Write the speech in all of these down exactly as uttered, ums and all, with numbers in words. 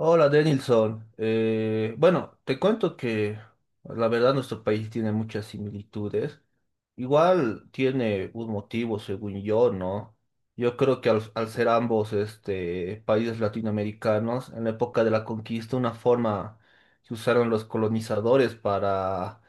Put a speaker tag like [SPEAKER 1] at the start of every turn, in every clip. [SPEAKER 1] Hola, Denilson. Eh, bueno, te cuento que la verdad nuestro país tiene muchas similitudes. Igual tiene un motivo, según yo, ¿no? Yo creo que al, al ser ambos este, países latinoamericanos, en la época de la conquista, una forma que usaron los colonizadores para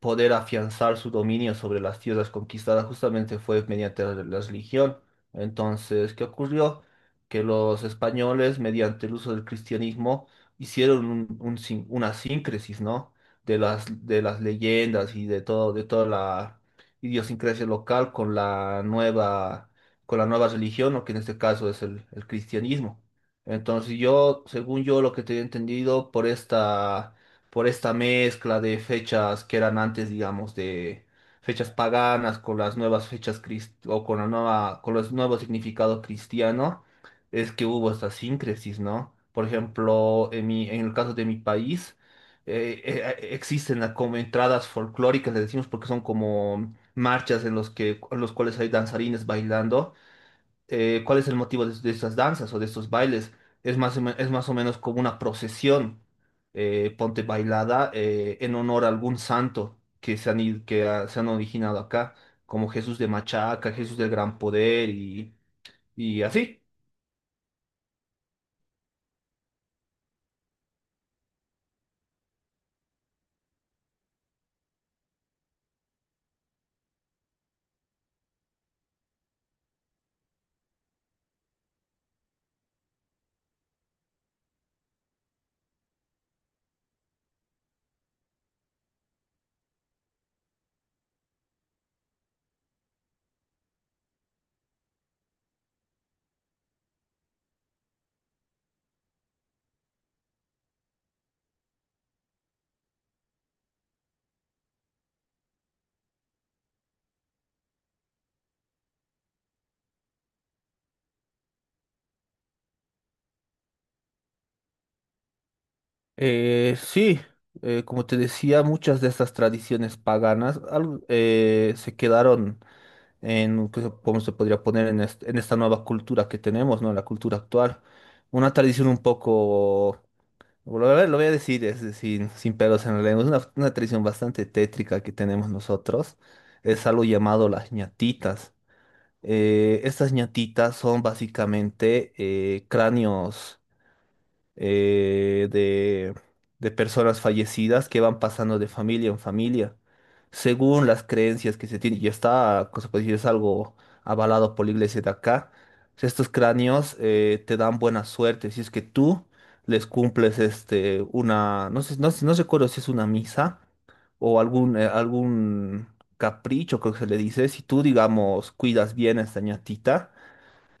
[SPEAKER 1] poder afianzar su dominio sobre las tierras conquistadas justamente fue mediante la, la religión. Entonces, ¿qué ocurrió? Que los españoles, mediante el uso del cristianismo, hicieron un- un sin- una síncresis, ¿no? De las, de las leyendas y de todo, de toda la idiosincrasia local con la nueva, con la nueva religión, ¿no? Que en este caso es el el cristianismo. Entonces yo, según yo, lo que tenía entendido por esta por esta mezcla de fechas que eran antes, digamos, de fechas paganas con las nuevas fechas crist- o con la nueva, con los nuevos significados cristiano, es que hubo esta síncresis, ¿no? Por ejemplo, en mi, en el caso de mi país, eh, eh, eh, existen las como entradas folclóricas, le decimos porque son como marchas en los que, en los cuales hay danzarines bailando. Eh, ¿cuál es el motivo de, de estas danzas o de estos bailes? Es más, o me- es más o menos como una procesión, eh, ponte bailada, eh, en honor a algún santo que se han, id- que ah, se han originado acá, como Jesús de Machaca, Jesús del Gran Poder y, y así. Eh, sí, eh, como te decía, muchas de estas tradiciones paganas al- eh, se quedaron. En, ¿qué se- ¿cómo se podría poner en, est- en esta nueva cultura que tenemos, ¿no? La cultura actual. Una tradición un poco. Lo, lo voy a decir, es decir, sin pelos en la lengua. Es una, una tradición bastante tétrica que tenemos nosotros. Es algo llamado las ñatitas. Eh, estas ñatitas son básicamente eh, cráneos eh, de, de personas fallecidas que van pasando de familia en familia, según las creencias que se tienen. Y está, cosa se puede decir, es algo avalado por la iglesia de acá. Estos cráneos eh, te dan buena suerte si es que tú les cumples este, una, no sé, no, sé- no recuerdo si es una misa o algún, eh, algún capricho, creo que se le dice, si tú, digamos, cuidas bien a esta ñatita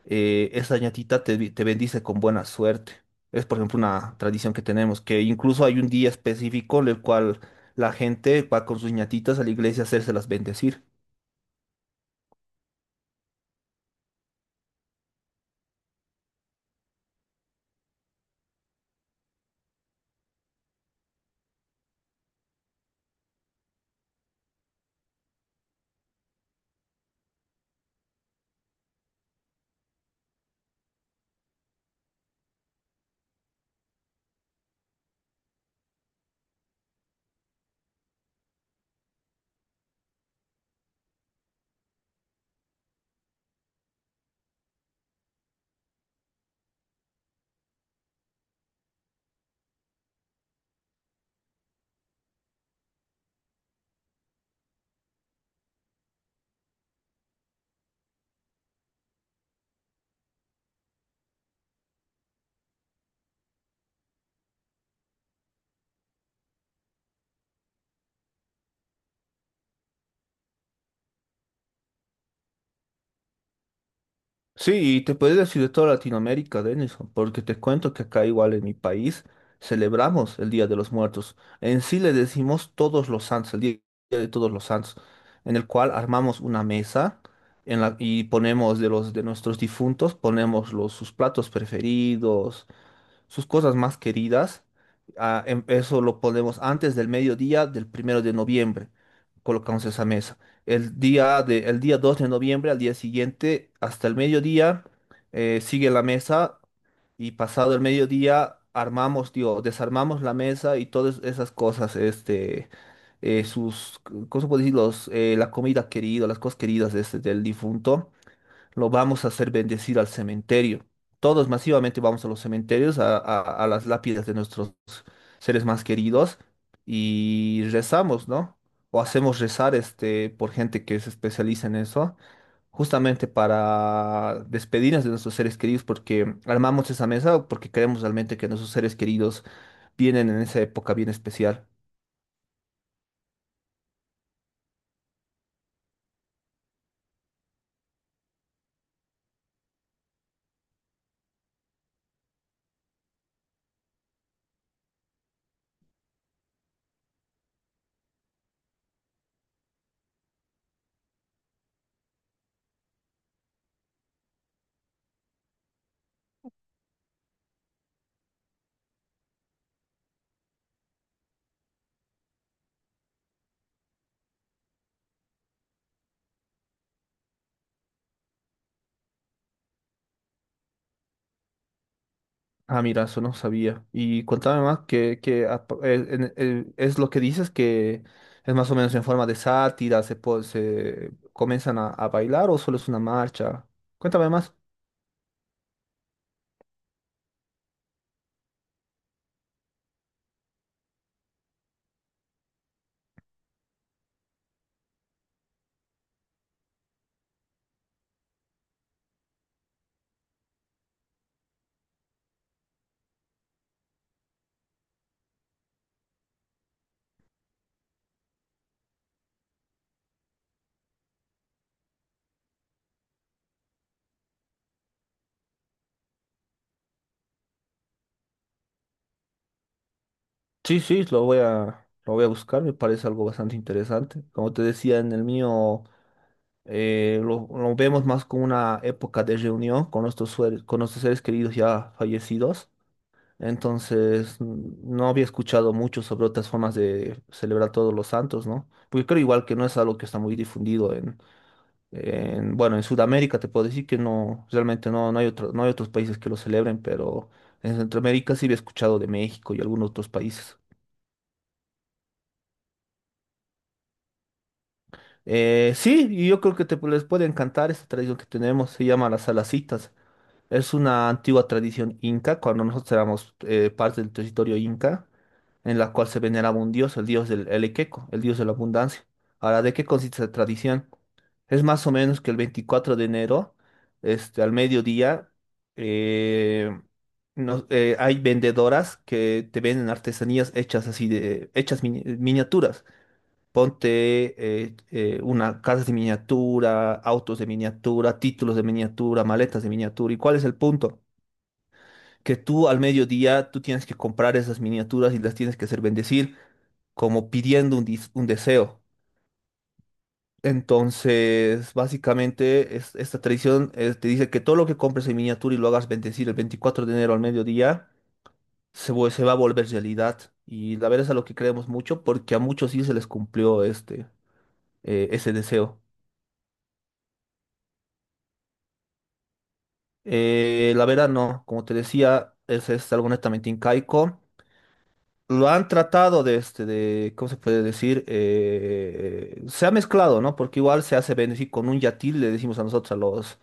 [SPEAKER 1] eh, esa ñatita te, te bendice con buena suerte. Es, por ejemplo, una tradición que tenemos, que incluso hay un día específico en el cual la gente va con sus ñatitas a la iglesia a hacérselas bendecir. Sí, y te puedes decir de toda Latinoamérica, Denison, porque te cuento que acá igual en mi país celebramos el Día de los Muertos. En sí le decimos Todos los Santos, el Día de Todos los Santos, en el cual armamos una mesa en la, y ponemos de los de nuestros difuntos, ponemos los, sus platos preferidos, sus cosas más queridas. Ah, em- eso lo ponemos antes del mediodía del primero de noviembre. Colocamos esa mesa. El día de, el día dos de noviembre, al día siguiente, hasta el mediodía, eh, sigue la mesa y pasado el mediodía armamos, digo, desarmamos la mesa y todas esas cosas, este, eh, sus, ¿cómo se puede decir? Los, eh, la comida querida, las cosas queridas de este- del difunto lo vamos a hacer bendecir al cementerio. Todos masivamente vamos a los cementerios, a, a- a las lápidas de nuestros seres más queridos y rezamos, ¿no? O hacemos rezar este, por gente que se especializa en eso, justamente para despedirnos de nuestros seres queridos, porque armamos esa mesa porque queremos realmente que nuestros seres queridos vienen en esa época bien especial. Ah, mira, eso no sabía. Y cuéntame más, que, que ap- eh, en- eh, es lo que dices que es más o menos en forma de sátira, se, po- se comienzan a, a bailar o solo es una marcha. Cuéntame más. Sí, sí, lo voy a, lo voy a buscar, me parece algo bastante interesante. Como te decía en el mío, eh, lo, lo vemos más como una época de reunión con nuestros, suer- con nuestros seres queridos ya fallecidos. Entonces, n- no había escuchado mucho sobre otras formas de celebrar todos los santos, ¿no? Porque creo igual que no es algo que está muy difundido en, en, bueno, en Sudamérica te puedo decir que no, realmente no, no hay otro- no hay otros países que lo celebren, pero en Centroamérica sí había escuchado de México y algunos otros países. Eh, sí, y yo creo que te, les puede encantar esta tradición que tenemos, se llama las salacitas. Es una antigua tradición inca, cuando nosotros éramos eh, parte del territorio inca, en la cual se veneraba un dios, el dios del el Equeco, el dios de la abundancia. Ahora, ¿de qué consiste esta tradición? Es más o menos que el veinticuatro de enero, este, al mediodía, eh, nos- eh, hay vendedoras que te venden artesanías hechas así de, hechas mini- miniaturas. Ponte eh, eh, una casa de miniatura, autos de miniatura, títulos de miniatura, maletas de miniatura. ¿Y cuál es el punto? Que tú al mediodía tú tienes que comprar esas miniaturas y las tienes que hacer bendecir como pidiendo un, dis- un deseo. Entonces, básicamente, es- esta tradición eh, te dice que todo lo que compres en miniatura y lo hagas bendecir el veinticuatro de enero al mediodía, se, vu- se va a volver realidad. Y la verdad es a lo que creemos mucho porque a muchos sí se les cumplió este, eh, ese deseo. Eh, la verdad no, como te decía, es, es algo netamente incaico. Lo han tratado de, este, de, ¿cómo se puede decir? Eh, se ha mezclado, ¿no? Porque igual se hace bendecir con un yatil, le decimos a nosotros, a los,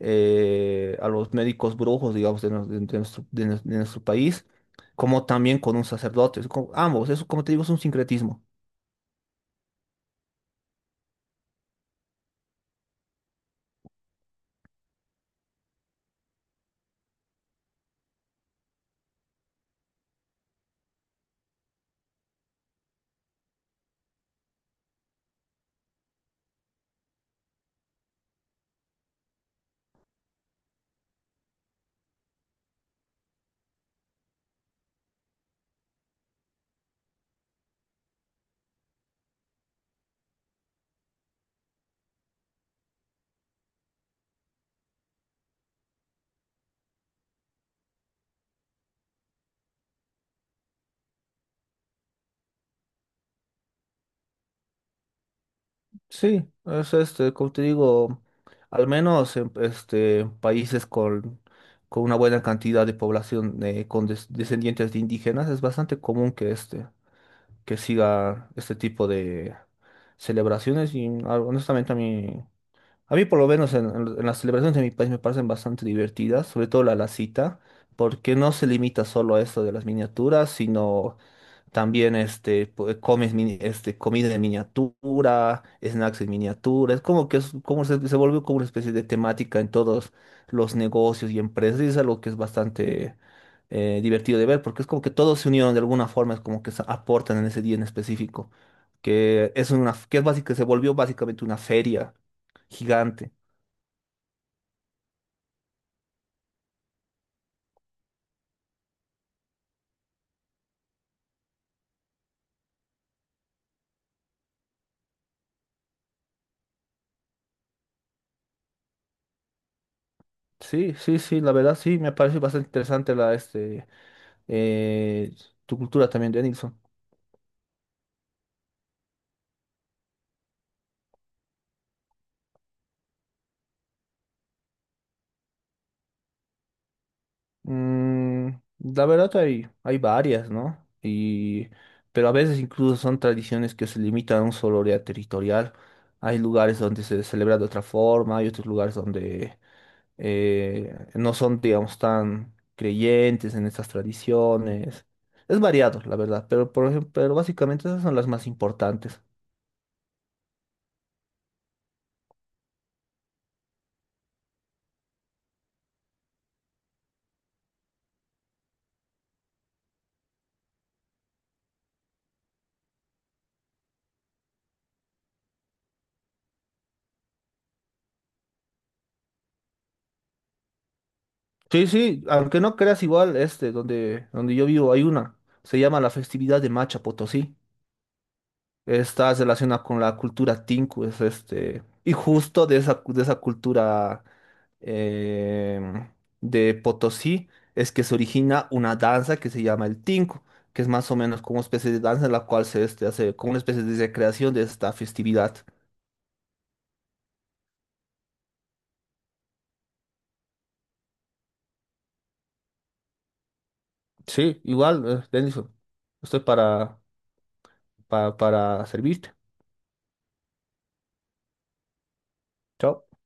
[SPEAKER 1] eh, a los médicos brujos, digamos, de, nos- de- de nuestro, de nos- de nuestro país, como también con un sacerdote. Es como- ambos, eso como te digo, es un sincretismo. Sí, es este, como te digo, al menos en este, países con, con una buena cantidad de población eh, con des- descendientes de indígenas, es bastante común que este, que siga este tipo de celebraciones y ah, honestamente a mí, a mí por lo menos en, en- en las celebraciones de mi país me parecen bastante divertidas, sobre todo la, la cita, porque no se limita solo a esto de las miniaturas, sino también este, pu- comes mini- este, comida en miniatura, snacks en miniatura. Es como que es, como se, se volvió como una especie de temática en todos los negocios y empresas. Y es algo que es bastante eh, divertido de ver, porque es como que todos se unieron de alguna forma, es como que se aportan en ese día en específico. Que es una, que es básica, se volvió básicamente una feria gigante. Sí, sí, sí, la verdad sí, me parece bastante interesante la, este, eh, tu cultura también, Denilson. Mm, la verdad hay, hay varias, ¿no? Y, pero a veces incluso son tradiciones que se limitan a un solo área territorial. Hay lugares donde se celebra de otra forma, hay otros lugares donde eh, no son, digamos, tan creyentes en estas tradiciones. Es variado, la verdad, pero, por ejemplo, pero básicamente esas son las más importantes. Sí, sí, aunque no creas igual, este, donde, donde yo vivo hay una, se llama la festividad de Macha Potosí. Está relacionada con la cultura Tinku, es este, y justo de esa, de esa cultura em, de Potosí es que se origina una danza que se llama el Tinku, que es más o menos como una especie de danza en la cual se este, hace como una especie de recreación de esta festividad. Sí, igual, eh, Denison, estoy para, para, para servirte. Chao.